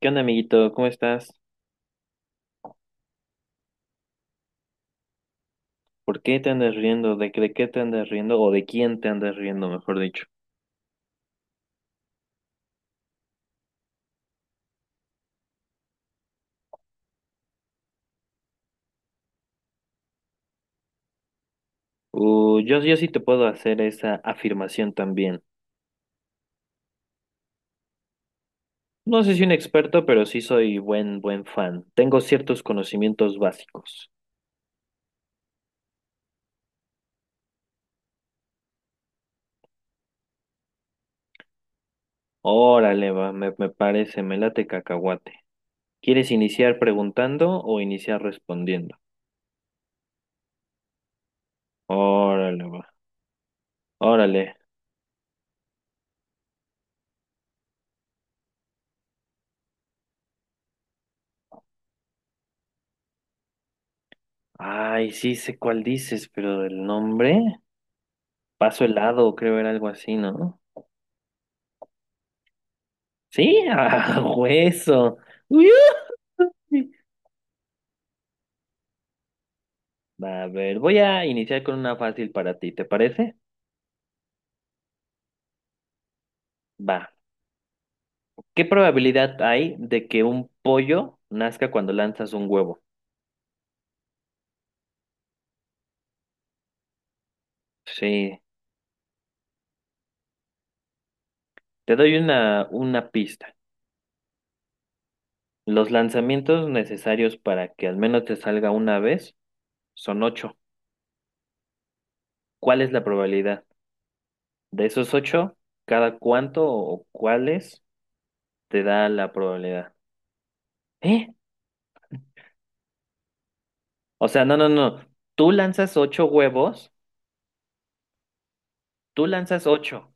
¿Qué onda, amiguito? ¿Cómo estás? ¿Por qué te andas riendo? ¿De qué te andas riendo? ¿O de quién te andas riendo, mejor dicho? Yo sí te puedo hacer esa afirmación también. No sé si un experto, pero sí soy buen fan. Tengo ciertos conocimientos básicos. Órale, va, me parece, me late cacahuate. ¿Quieres iniciar preguntando o iniciar respondiendo? Órale, va, órale. Ay, sí sé cuál dices, pero el nombre. Paso helado, creo era algo así, ¿no? Sí, a hueso. Uy, uy. Va, a ver, voy a iniciar con una fácil para ti, ¿te parece? Va. ¿Qué probabilidad hay de que un pollo nazca cuando lanzas un huevo? Sí, te doy una pista. Los lanzamientos necesarios para que al menos te salga una vez son ocho. ¿Cuál es la probabilidad? De esos ocho, ¿cada cuánto o cuáles te da la probabilidad? ¿Eh? O sea, no, no, no. Tú lanzas ocho huevos. Tú lanzas ocho.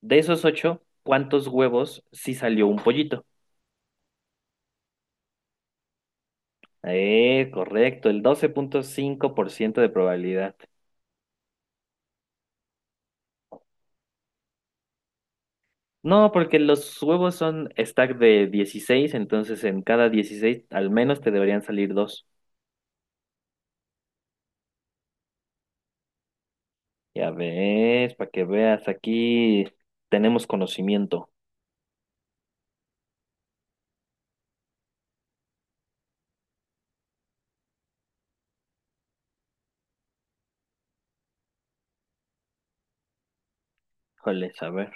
De esos ocho, ¿cuántos huevos sí salió un pollito? Correcto, el 12,5% de probabilidad. No, porque los huevos son stack de 16, entonces en cada 16 al menos te deberían salir dos. Ya ves, para que veas, aquí tenemos conocimiento. Joder, a ver.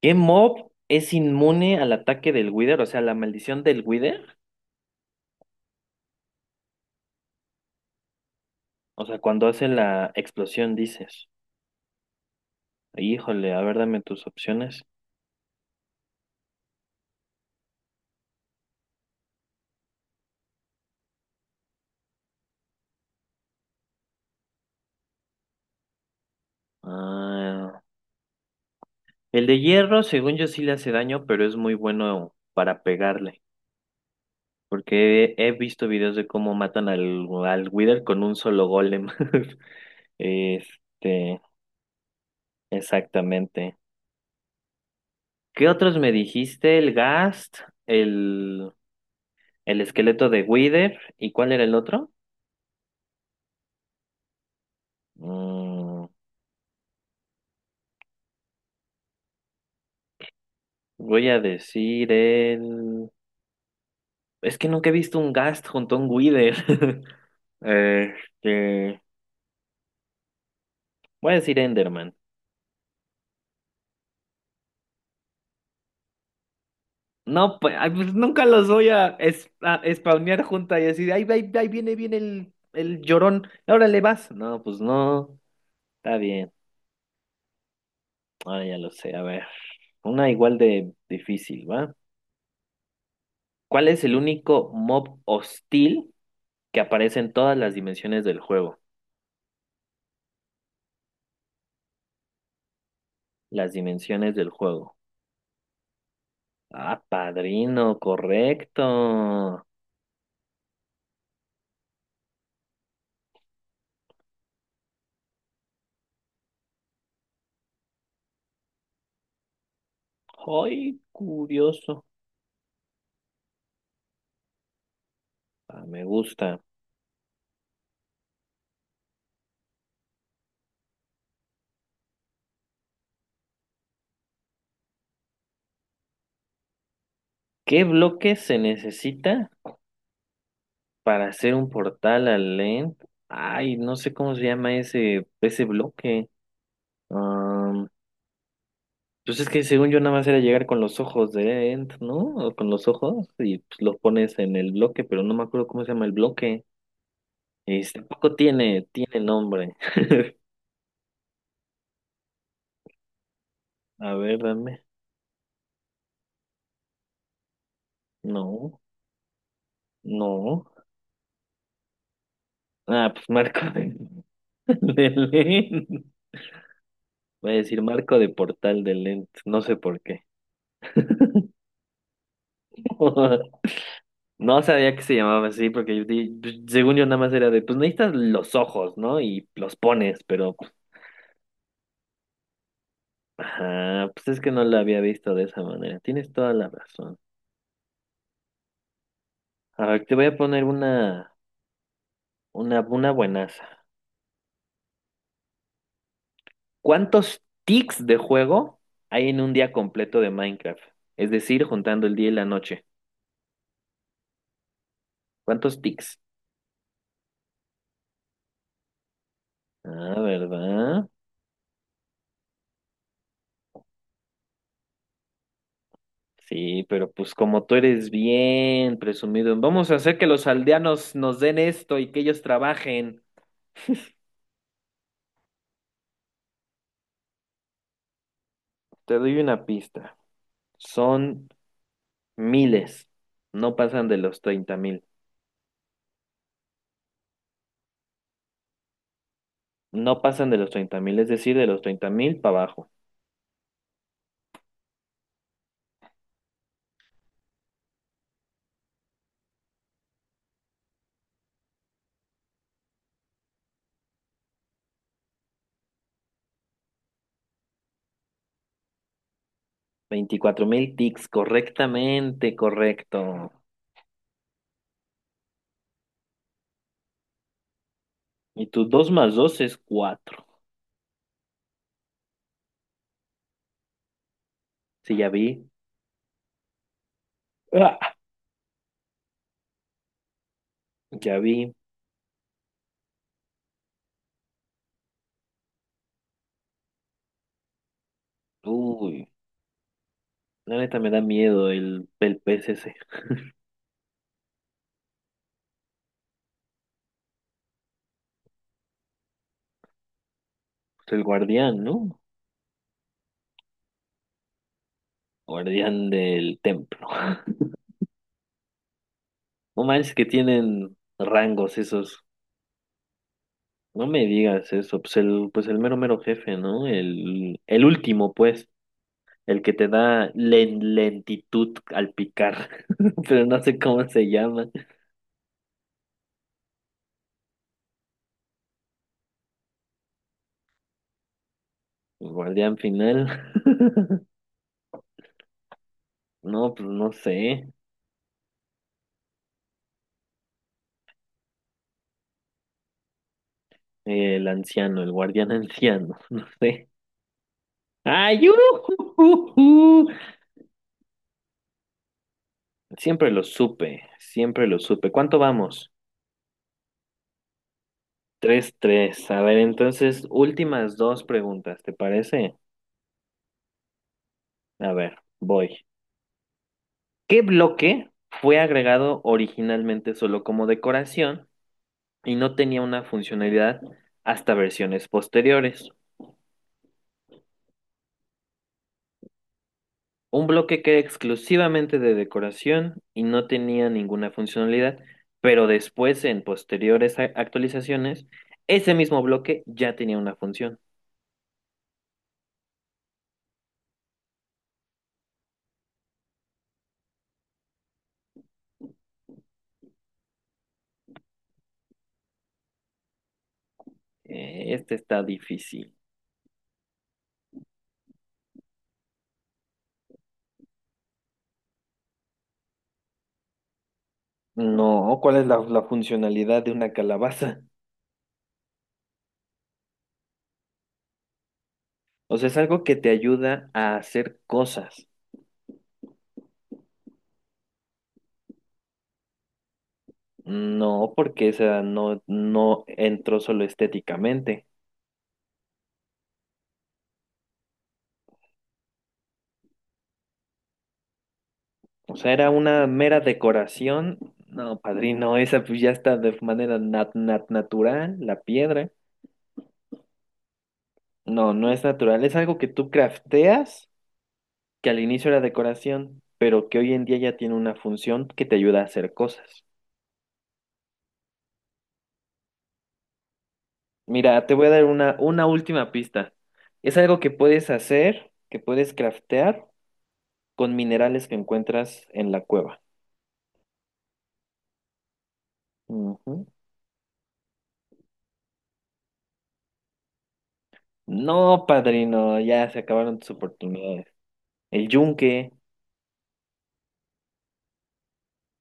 ¿Qué mob es inmune al ataque del Wither? O sea, la maldición del Wither. O sea, cuando hace la explosión, dices. Híjole, a ver, dame tus opciones. Ah, el de hierro, según yo, sí le hace daño, pero es muy bueno para pegarle. Porque he visto videos de cómo matan al Wither con un solo golem. Este, exactamente. ¿Qué otros me dijiste? El Ghast, el, el esqueleto de Wither, ¿y cuál era el otro? Mm, voy a decir el. Es que nunca he visto un Ghast junto a un Wither. Este, voy a decir Enderman. No, pues, ay, pues, nunca los voy a, es, a spawnear junta y así de, ahí, ahí, ahí viene, viene el llorón, ahora le vas. No, pues no, está bien, ahora ya lo sé, a ver, una igual de difícil, ¿va? ¿Cuál es el único mob hostil que aparece en todas las dimensiones del juego? Las dimensiones del juego. Ah, padrino, correcto. Ay, curioso. Ah, me gusta. ¿Qué bloque se necesita? Para hacer un portal al End, ay, no sé cómo se llama ese bloque. Am, pues es que según yo nada más era llegar con los ojos de End, ¿no? O con los ojos y pues, los pones en el bloque, pero no me acuerdo cómo se llama el bloque. Este tampoco tiene nombre. A ver, dame. No, no. Ah, pues marco de, de Lent. Voy a decir marco de portal de Lent, no sé por qué. No sabía que se llamaba así, porque pues, según yo nada más era de, pues necesitas los ojos, ¿no? Y los pones, pero, pues, ajá, pues es que no la había visto de esa manera. Tienes toda la razón. A ver, te voy a poner una buenaza. ¿Cuántos tics de juego hay en un día completo de Minecraft? Es decir, juntando el día y la noche. ¿Cuántos tics? Ah, ¿verdad? Sí, pero pues como tú eres bien presumido, vamos a hacer que los aldeanos nos den esto y que ellos trabajen. Te doy una pista. Son miles. No pasan de los 30.000. No pasan de los 30 mil, es decir, de los 30.000 para abajo. 24.000 tics, correctamente, correcto. Y tu 2 más 2 es cuatro. Sí, ya vi. ¡Ah! Ya vi. Uy, la neta me da miedo el pez ese. El guardián, ¿no? Guardián del templo. No manches que tienen rangos esos. No me digas eso, pues el mero mero jefe, ¿no? El último, pues, el que te da lentitud al picar, pero no sé cómo se llama. El guardián final. No, pues no sé. El anciano, el guardián anciano, no sé. ¡Ay, ujujuju! Siempre lo supe, siempre lo supe. ¿Cuánto vamos? Tres, tres. A ver, entonces, últimas dos preguntas, ¿te parece? A ver, voy. ¿Qué bloque fue agregado originalmente solo como decoración y no tenía una funcionalidad hasta versiones posteriores? Un bloque que era exclusivamente de decoración y no tenía ninguna funcionalidad, pero después en posteriores actualizaciones, ese mismo bloque ya tenía una función. Este está difícil. No, ¿cuál es la funcionalidad de una calabaza? O sea, es algo que te ayuda a hacer cosas. No, porque esa no entró solo estéticamente. O sea, era una mera decoración. No, padrino, esa pues ya está de manera natural, la piedra. No, no es natural. Es algo que tú crafteas, que al inicio era decoración, pero que hoy en día ya tiene una función que te ayuda a hacer cosas. Mira, te voy a dar una última pista. Es algo que puedes hacer, que puedes craftear con minerales que encuentras en la cueva. Ujú. No, padrino, ya se acabaron tus oportunidades. El yunque,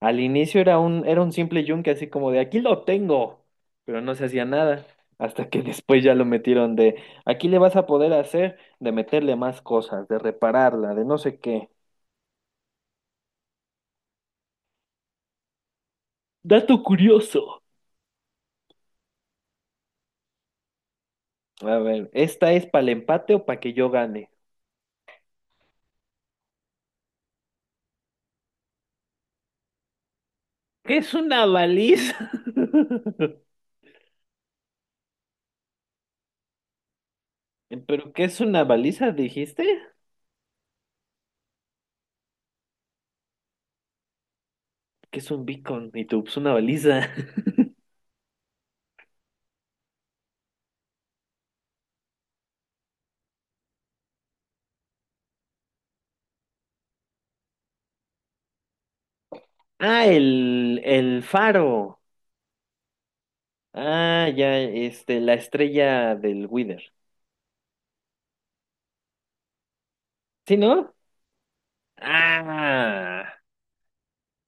al inicio era un simple yunque, así como de aquí lo tengo, pero no se hacía nada, hasta que después ya lo metieron de aquí le vas a poder hacer, de meterle más cosas, de repararla, de no sé qué. Dato curioso. A ver, ¿esta es para el empate o para que yo gane? ¿Qué es una baliza? ¿Pero qué es una baliza, dijiste? ¿Qué es un beacon? Y tú, pues una baliza. Ah, el faro. Ah, ya, la estrella del Wither. ¿Sí, no? Ah,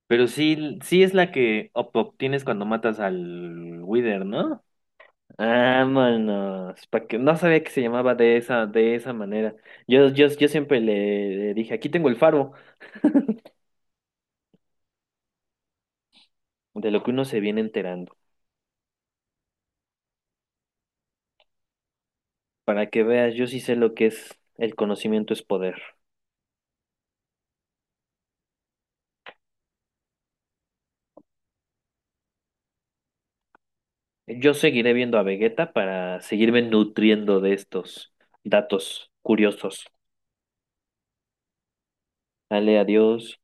pero sí es la que obtienes cuando matas al Wither, ¿no? Vámonos, para que no sabía que se llamaba de esa manera. Yo siempre le dije, aquí tengo el faro. De lo que uno se viene enterando. Para que veas, yo sí sé lo que es el conocimiento es poder. Yo seguiré viendo a Vegeta para seguirme nutriendo de estos datos curiosos. Dale, adiós.